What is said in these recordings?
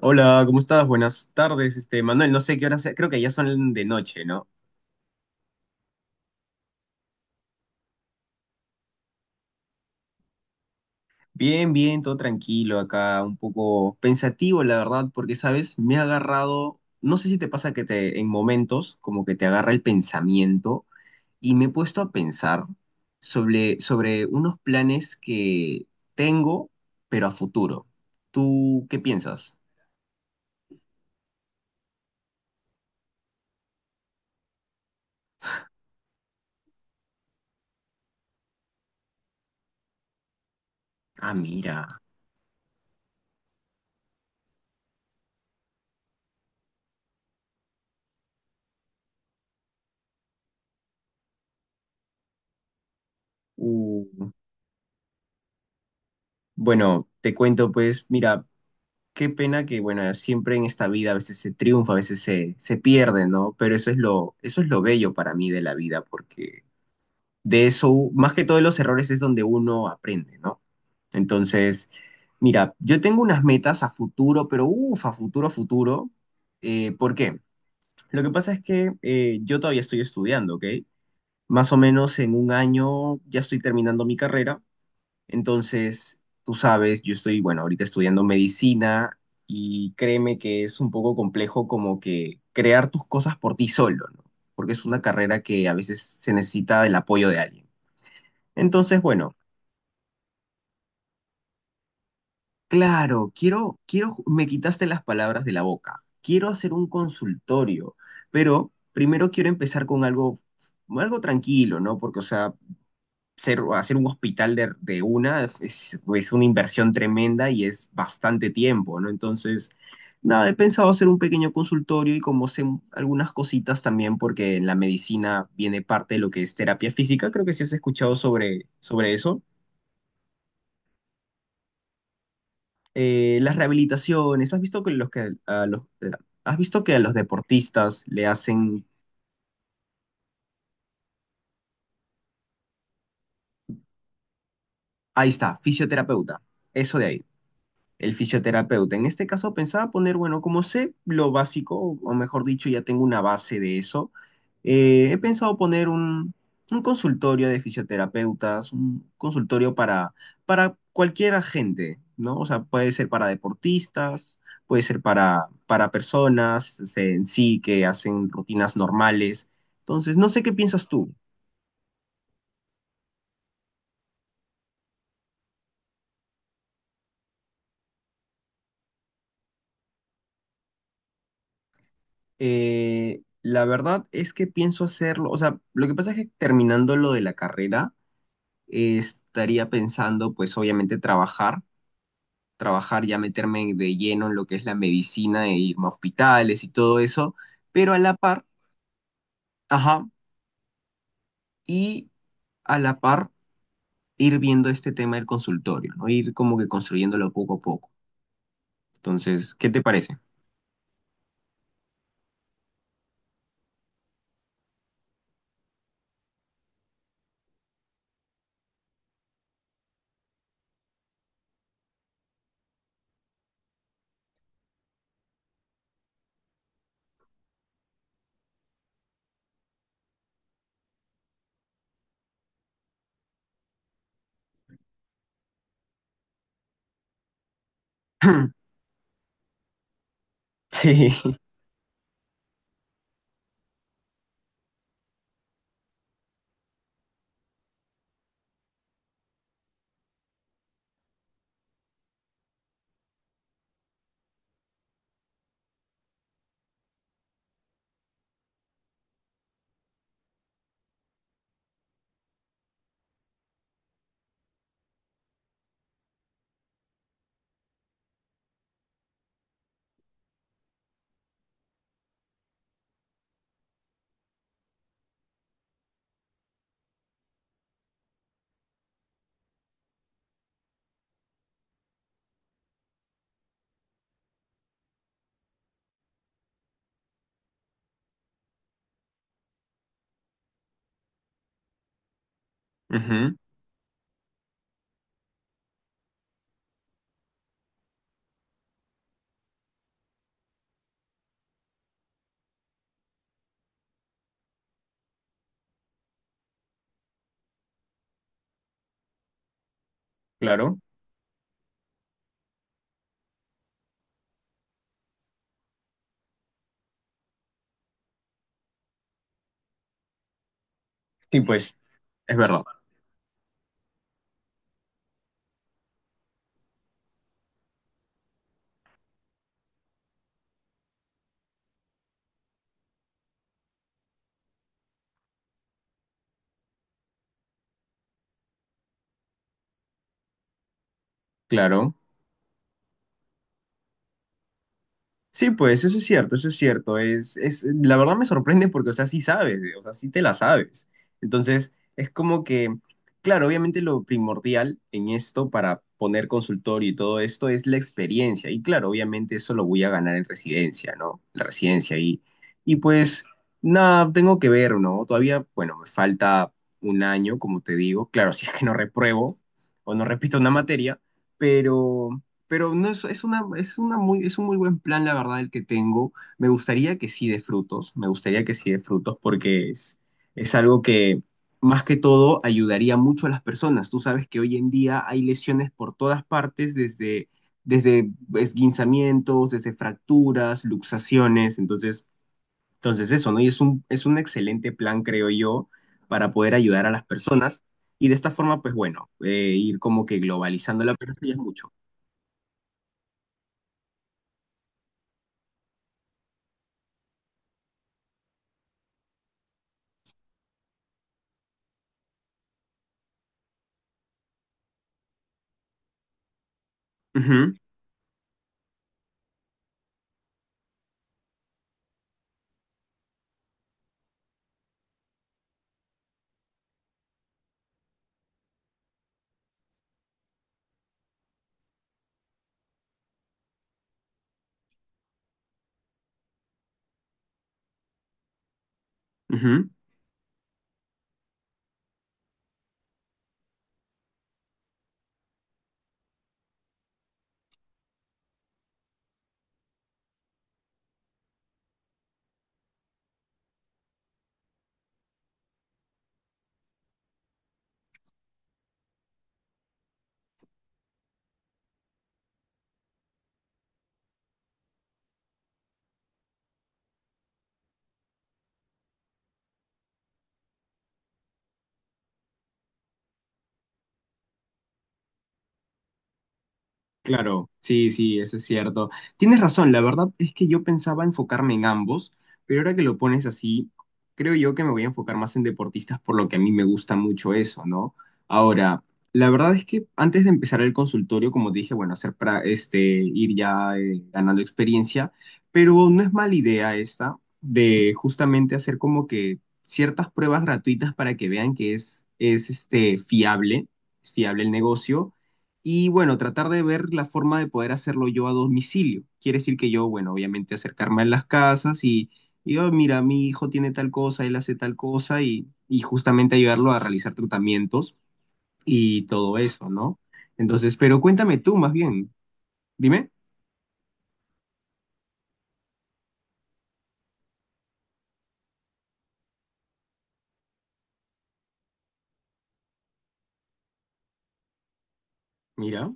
Hola, ¿cómo estás? Buenas tardes, este Manuel. No sé qué hora sea, creo que ya son de noche, ¿no? Bien, bien, todo tranquilo acá, un poco pensativo, la verdad, porque, ¿sabes? Me ha agarrado, no sé si te pasa que te, en momentos, como que te agarra el pensamiento y me he puesto a pensar sobre unos planes que tengo, pero a futuro. ¿Tú qué piensas? Ah, mira. Uh, bueno, te cuento, pues, mira. Qué pena que, bueno, siempre en esta vida a veces se triunfa, a veces se pierde, ¿no? Pero eso es lo bello para mí de la vida, porque de eso, más que todo de los errores es donde uno aprende, ¿no? Entonces, mira, yo tengo unas metas a futuro, pero uff, a futuro, a futuro. ¿Por qué? Lo que pasa es que yo todavía estoy estudiando, ¿ok? Más o menos en un año ya estoy terminando mi carrera, entonces, tú sabes, yo estoy, bueno, ahorita estudiando medicina y créeme que es un poco complejo como que crear tus cosas por ti solo, ¿no? Porque es una carrera que a veces se necesita del apoyo de alguien. Entonces, bueno, claro, me quitaste las palabras de la boca. Quiero hacer un consultorio, pero primero quiero empezar con algo, algo tranquilo, ¿no? Porque, o sea, hacer un hospital de una es una inversión tremenda y es bastante tiempo, ¿no? Entonces, nada, he pensado hacer un pequeño consultorio y como sé algunas cositas también, porque en la medicina viene parte de lo que es terapia física, creo que sí has escuchado sobre eso. Las rehabilitaciones, ¿has visto que, los que a los, has visto que a los deportistas le hacen, ahí está, fisioterapeuta, eso de ahí. El fisioterapeuta. En este caso pensaba poner, bueno, como sé lo básico, o mejor dicho, ya tengo una base de eso, he pensado poner un consultorio de fisioterapeutas, un consultorio para cualquier gente, ¿no? O sea, puede ser para deportistas, puede ser para personas este, en sí que hacen rutinas normales. Entonces, no sé qué piensas tú. La verdad es que pienso hacerlo, o sea, lo que pasa es que terminando lo de la carrera, estaría pensando, pues obviamente trabajar, trabajar ya meterme de lleno en lo que es la medicina e irme a hospitales y todo eso, pero a la par, ajá, y a la par ir viendo este tema del consultorio, ¿no? Ir como que construyéndolo poco a poco. Entonces, ¿qué te parece? Sí, ujú, claro. Sí, pues, es verdad, claro. Sí, pues eso es cierto, eso es cierto. La verdad me sorprende porque, o sea, sí sabes, o sea, sí te la sabes. Entonces, es como que, claro, obviamente lo primordial en esto para poner consultorio y todo esto es la experiencia. Y claro, obviamente eso lo voy a ganar en residencia, ¿no? Y pues, nada, tengo que ver, ¿no? Todavía, bueno, me falta un año, como te digo. Claro, si es que no repruebo o no repito una materia, pero... Pero no es, es una muy, es un muy buen plan, la verdad, el que tengo. Me gustaría que sí de frutos, me gustaría que sí de frutos, porque es algo que más que todo ayudaría mucho a las personas. Tú sabes que hoy en día hay lesiones por todas partes, desde, desde esguinzamientos, desde fracturas, luxaciones. Entonces eso, ¿no? Y es un excelente plan, creo yo, para poder ayudar a las personas. Y de esta forma, pues bueno, ir como que globalizando la persona ya es mucho. Ujú, claro, sí, sí, eso es cierto. Tienes razón, la verdad es que yo pensaba enfocarme en ambos, pero ahora que lo pones así, creo yo que me voy a enfocar más en deportistas por lo que a mí me gusta mucho eso, ¿no? Ahora, la verdad es que antes de empezar el consultorio, como te dije, bueno, hacer para este, ir ya ganando experiencia, pero no es mala idea esta de justamente hacer como que ciertas pruebas gratuitas para que vean que es este, fiable, es fiable el negocio. Y bueno, tratar de ver la forma de poder hacerlo yo a domicilio. Quiere decir que yo, bueno, obviamente acercarme a las casas y, "Oh, mira, mi hijo tiene tal cosa, él hace tal cosa y justamente ayudarlo a realizar tratamientos y todo eso, ¿no? Entonces, pero cuéntame tú más bien, dime, mira,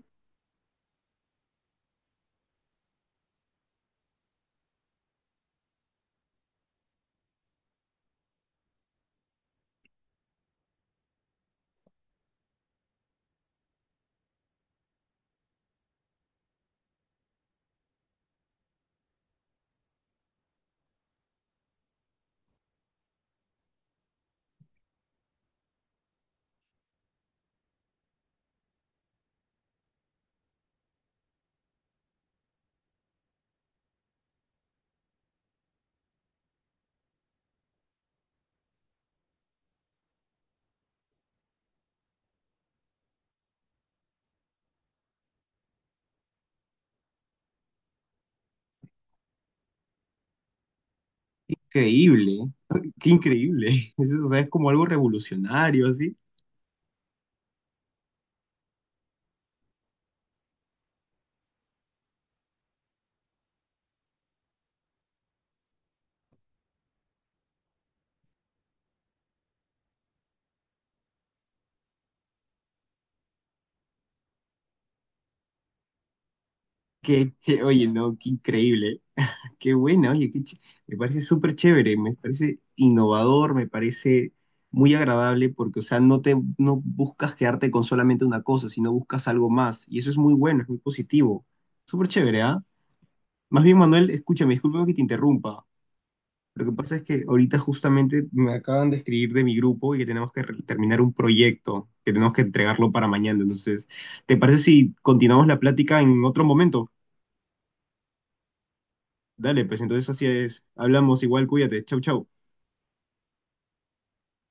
increíble, qué increíble. Es, o sea, es como algo revolucionario, así. Oye, no, qué increíble. Qué buena, oye, me parece súper chévere, me parece innovador, me parece muy agradable porque, o sea, no buscas quedarte con solamente una cosa, sino buscas algo más. Y eso es muy bueno, es muy positivo. Súper chévere, ¿ah? Más bien, Manuel, escúchame, discúlpame que te interrumpa. Lo que pasa es que ahorita justamente me acaban de escribir de mi grupo y que tenemos que terminar un proyecto, que tenemos que entregarlo para mañana. Entonces, ¿te parece si continuamos la plática en otro momento? Dale, pues entonces así es. Hablamos igual, cuídate. Chau, chau.